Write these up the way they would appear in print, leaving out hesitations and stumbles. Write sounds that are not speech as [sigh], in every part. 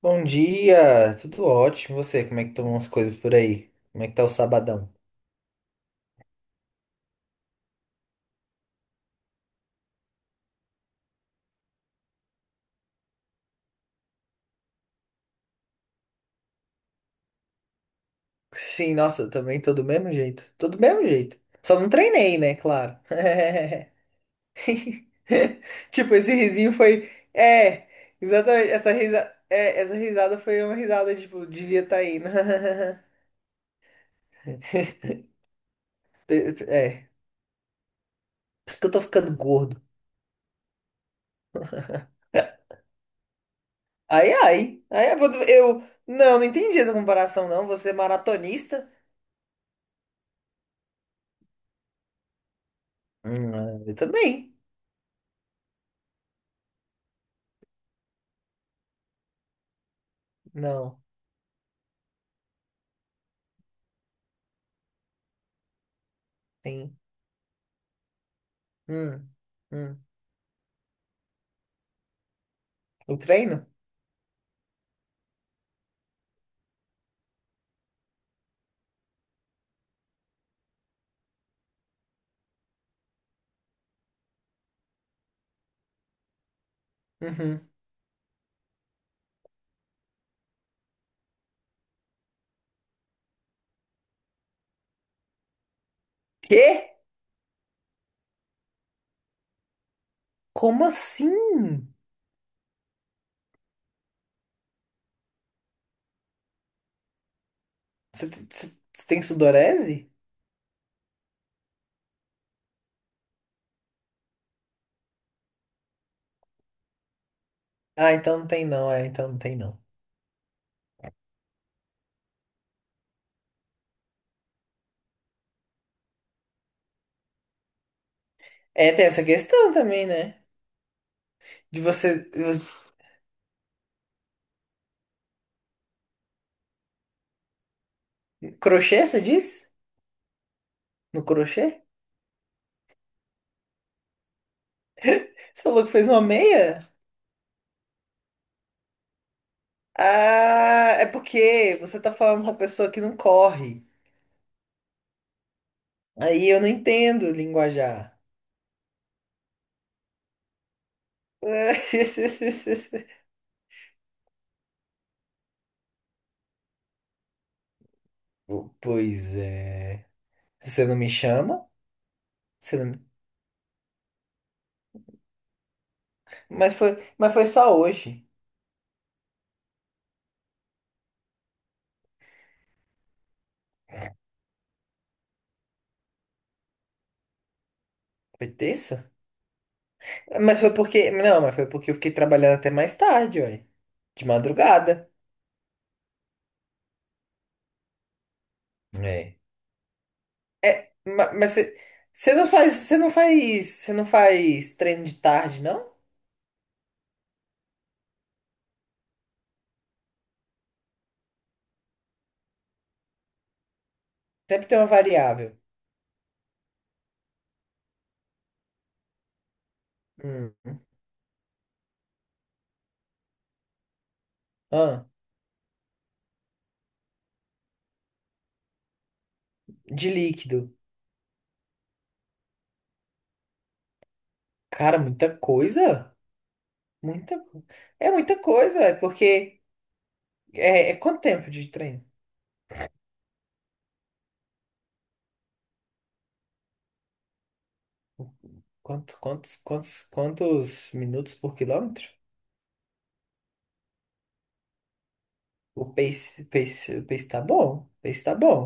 Bom dia, tudo ótimo. E você, como é que estão as coisas por aí? Como é que tá o sabadão? Sim, nossa, eu também tô do mesmo jeito. Tô do mesmo jeito. Só não treinei, né? Claro. [laughs] Tipo, esse risinho foi. Exatamente. Essa risa... essa risada foi uma risada, tipo, devia estar tá indo. [laughs] Pe- pe- É, por isso que eu tô ficando gordo. Ai, ai. Não, não entendi essa comparação, não. Você é maratonista? Eu também. Não. Tem. Hum, hum. O treino? Uhum. Quê? Como assim? Você tem sudorese? Ah, então não tem não, é, então não tem não. É, tem essa questão também, né? De você, você- Crochê, você disse? No crochê? Você falou que fez uma meia? Ah, é porque você tá falando com uma pessoa que não corre. Aí eu não entendo linguajar. [laughs] Pois é. Você não me chama? Você não... mas foi só hoje. Foi terça? Mas foi porque. Não, mas foi porque eu fiquei trabalhando até mais tarde, ué. De madrugada. É. É, ma- mas você você não faz. Você não faz. Você não faz treino de tarde, não? Sempre tem uma variável. Hum. Ah, de líquido. Cara, muita coisa. Muita coisa. É muita coisa, é porque. É, é quanto tempo de treino? Quantos minutos por quilômetro? O pace, pace, o pace tá bom. O pace tá bom.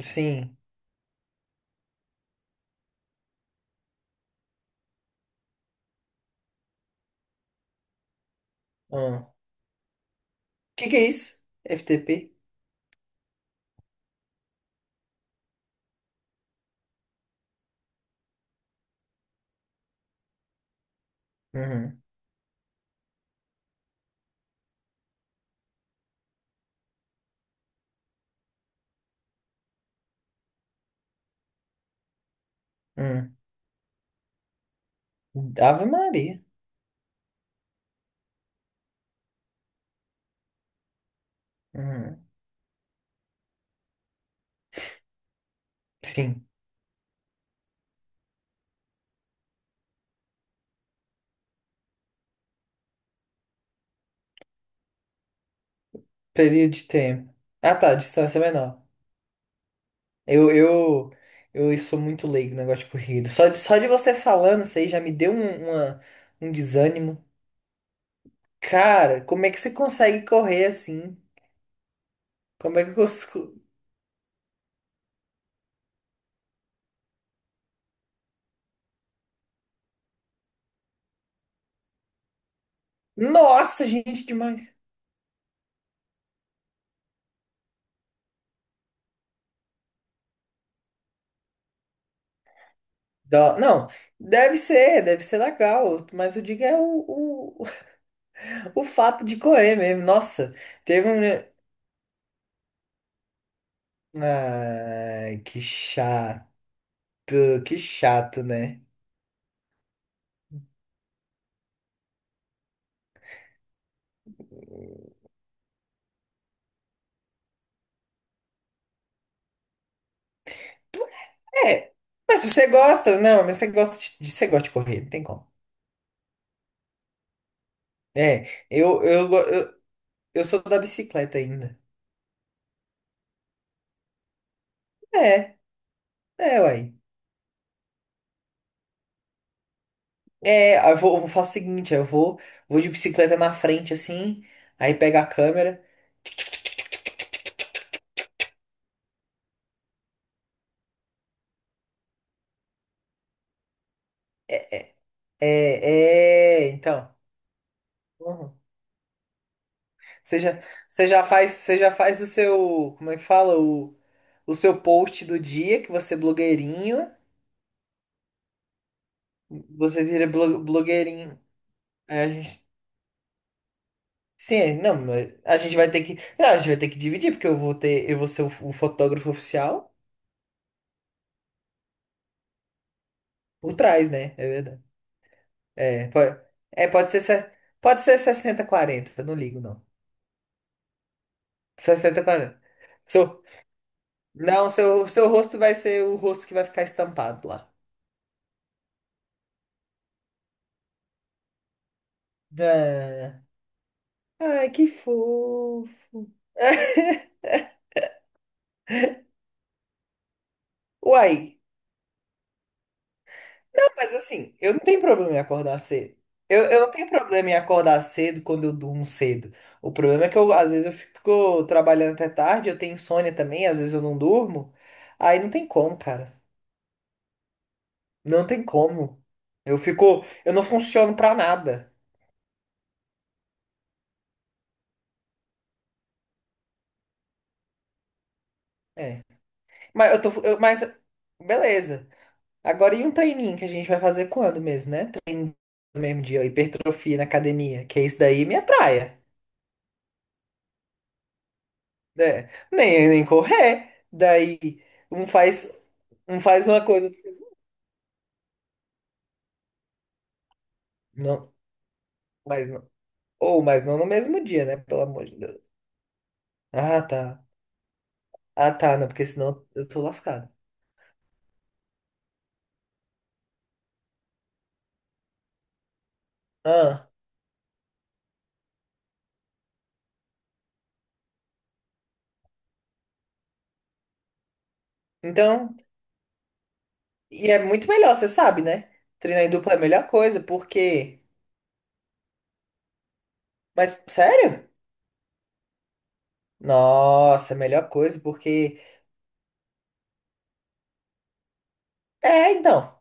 Sim. Ah, que é isso? FTP? Uhum, uhum. Hum. Ave Maria. Uhum. Sim. Período de tempo. Ah, tá, distância é menor. Eu, eu, eu sou muito leigo no negócio de corrida. Só de você falando isso aí já me deu uma- um desânimo. Cara, como é que você consegue correr assim? Como é que eu consigo... Nossa, gente, demais. Não, deve ser legal, mas eu digo é o, [laughs] o fato de correr mesmo. Nossa, teve um. Ai, que chato, né? É, mas você gosta, não, mas você gosta você gosta de correr, não tem como. É, eu, eu, go- eu, eu sou da bicicleta ainda. É, uai. Eu faço o seguinte, vou de bicicleta na frente, assim, aí pega a câmera. É, é, então. Uhum. Você já, você já faz o seu, como é que fala? O seu post do dia, que você é blogueirinho. Blogueirinho. Aí a gente... Sim, não, mas a gente vai ter que. Não, a gente vai ter que dividir, porque eu vou ter. Eu vou ser o fotógrafo oficial por trás, né? É verdade. É, pode, pode ser, pode ser sessenta quarenta. Não ligo, não. Sessenta quarenta. Seu, não, seu rosto vai ser o rosto que vai ficar estampado lá. Ah, ai, que fofo. [laughs] Uai, não, mas assim, eu não tenho problema em acordar cedo. Eu não tenho problema em acordar cedo quando eu durmo cedo. O problema é que eu, às vezes eu fico trabalhando até tarde, eu tenho insônia também, às vezes eu não durmo. Aí não tem como, cara. Não tem como. Eu fico, eu não funciono pra nada. É. Mas eu tô, eu- mas beleza. Agora e um treininho que a gente vai fazer quando mesmo, né? No mesmo dia, hipertrofia na academia, que é isso daí, minha praia. Né? Nem, nem correr. Daí um faz, um faz uma coisa, outro faz... outra. Não, mas não. Ou, mas não no mesmo dia, né? Pelo amor de Deus. Ah, tá. Ah, tá, não, porque senão eu tô lascado. Ah, então, e é muito melhor, você sabe, né? Treinar em dupla é a melhor coisa, porque. Mas, sério? Nossa, é a melhor coisa, porque. É, então.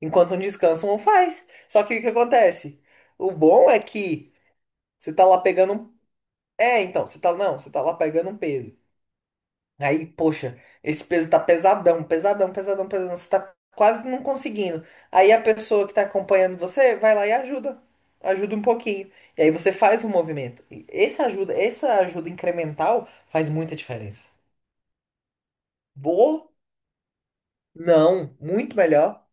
Enquanto um descansa, um faz. Só que o que acontece? O bom é que você tá lá pegando um... você tá, não, você tá lá pegando um peso. Aí, poxa, esse peso tá pesadão, pesadão, pesadão, pesadão. Você tá quase não conseguindo. Aí a pessoa que tá acompanhando você vai lá e ajuda. Ajuda um pouquinho. E aí você faz um movimento. Essa ajuda incremental faz muita diferença. Boa? Não, muito melhor,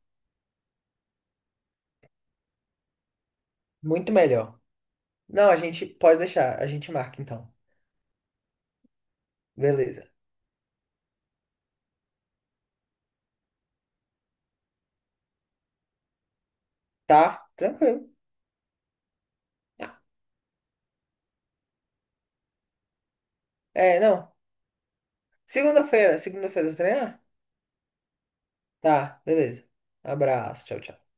muito melhor. Não, a gente pode deixar, a gente marca então. Beleza. Tá? Tranquilo. É, não. Segunda-feira, segunda-feira você treina? Tá, beleza. Abraço, tchau, tchau.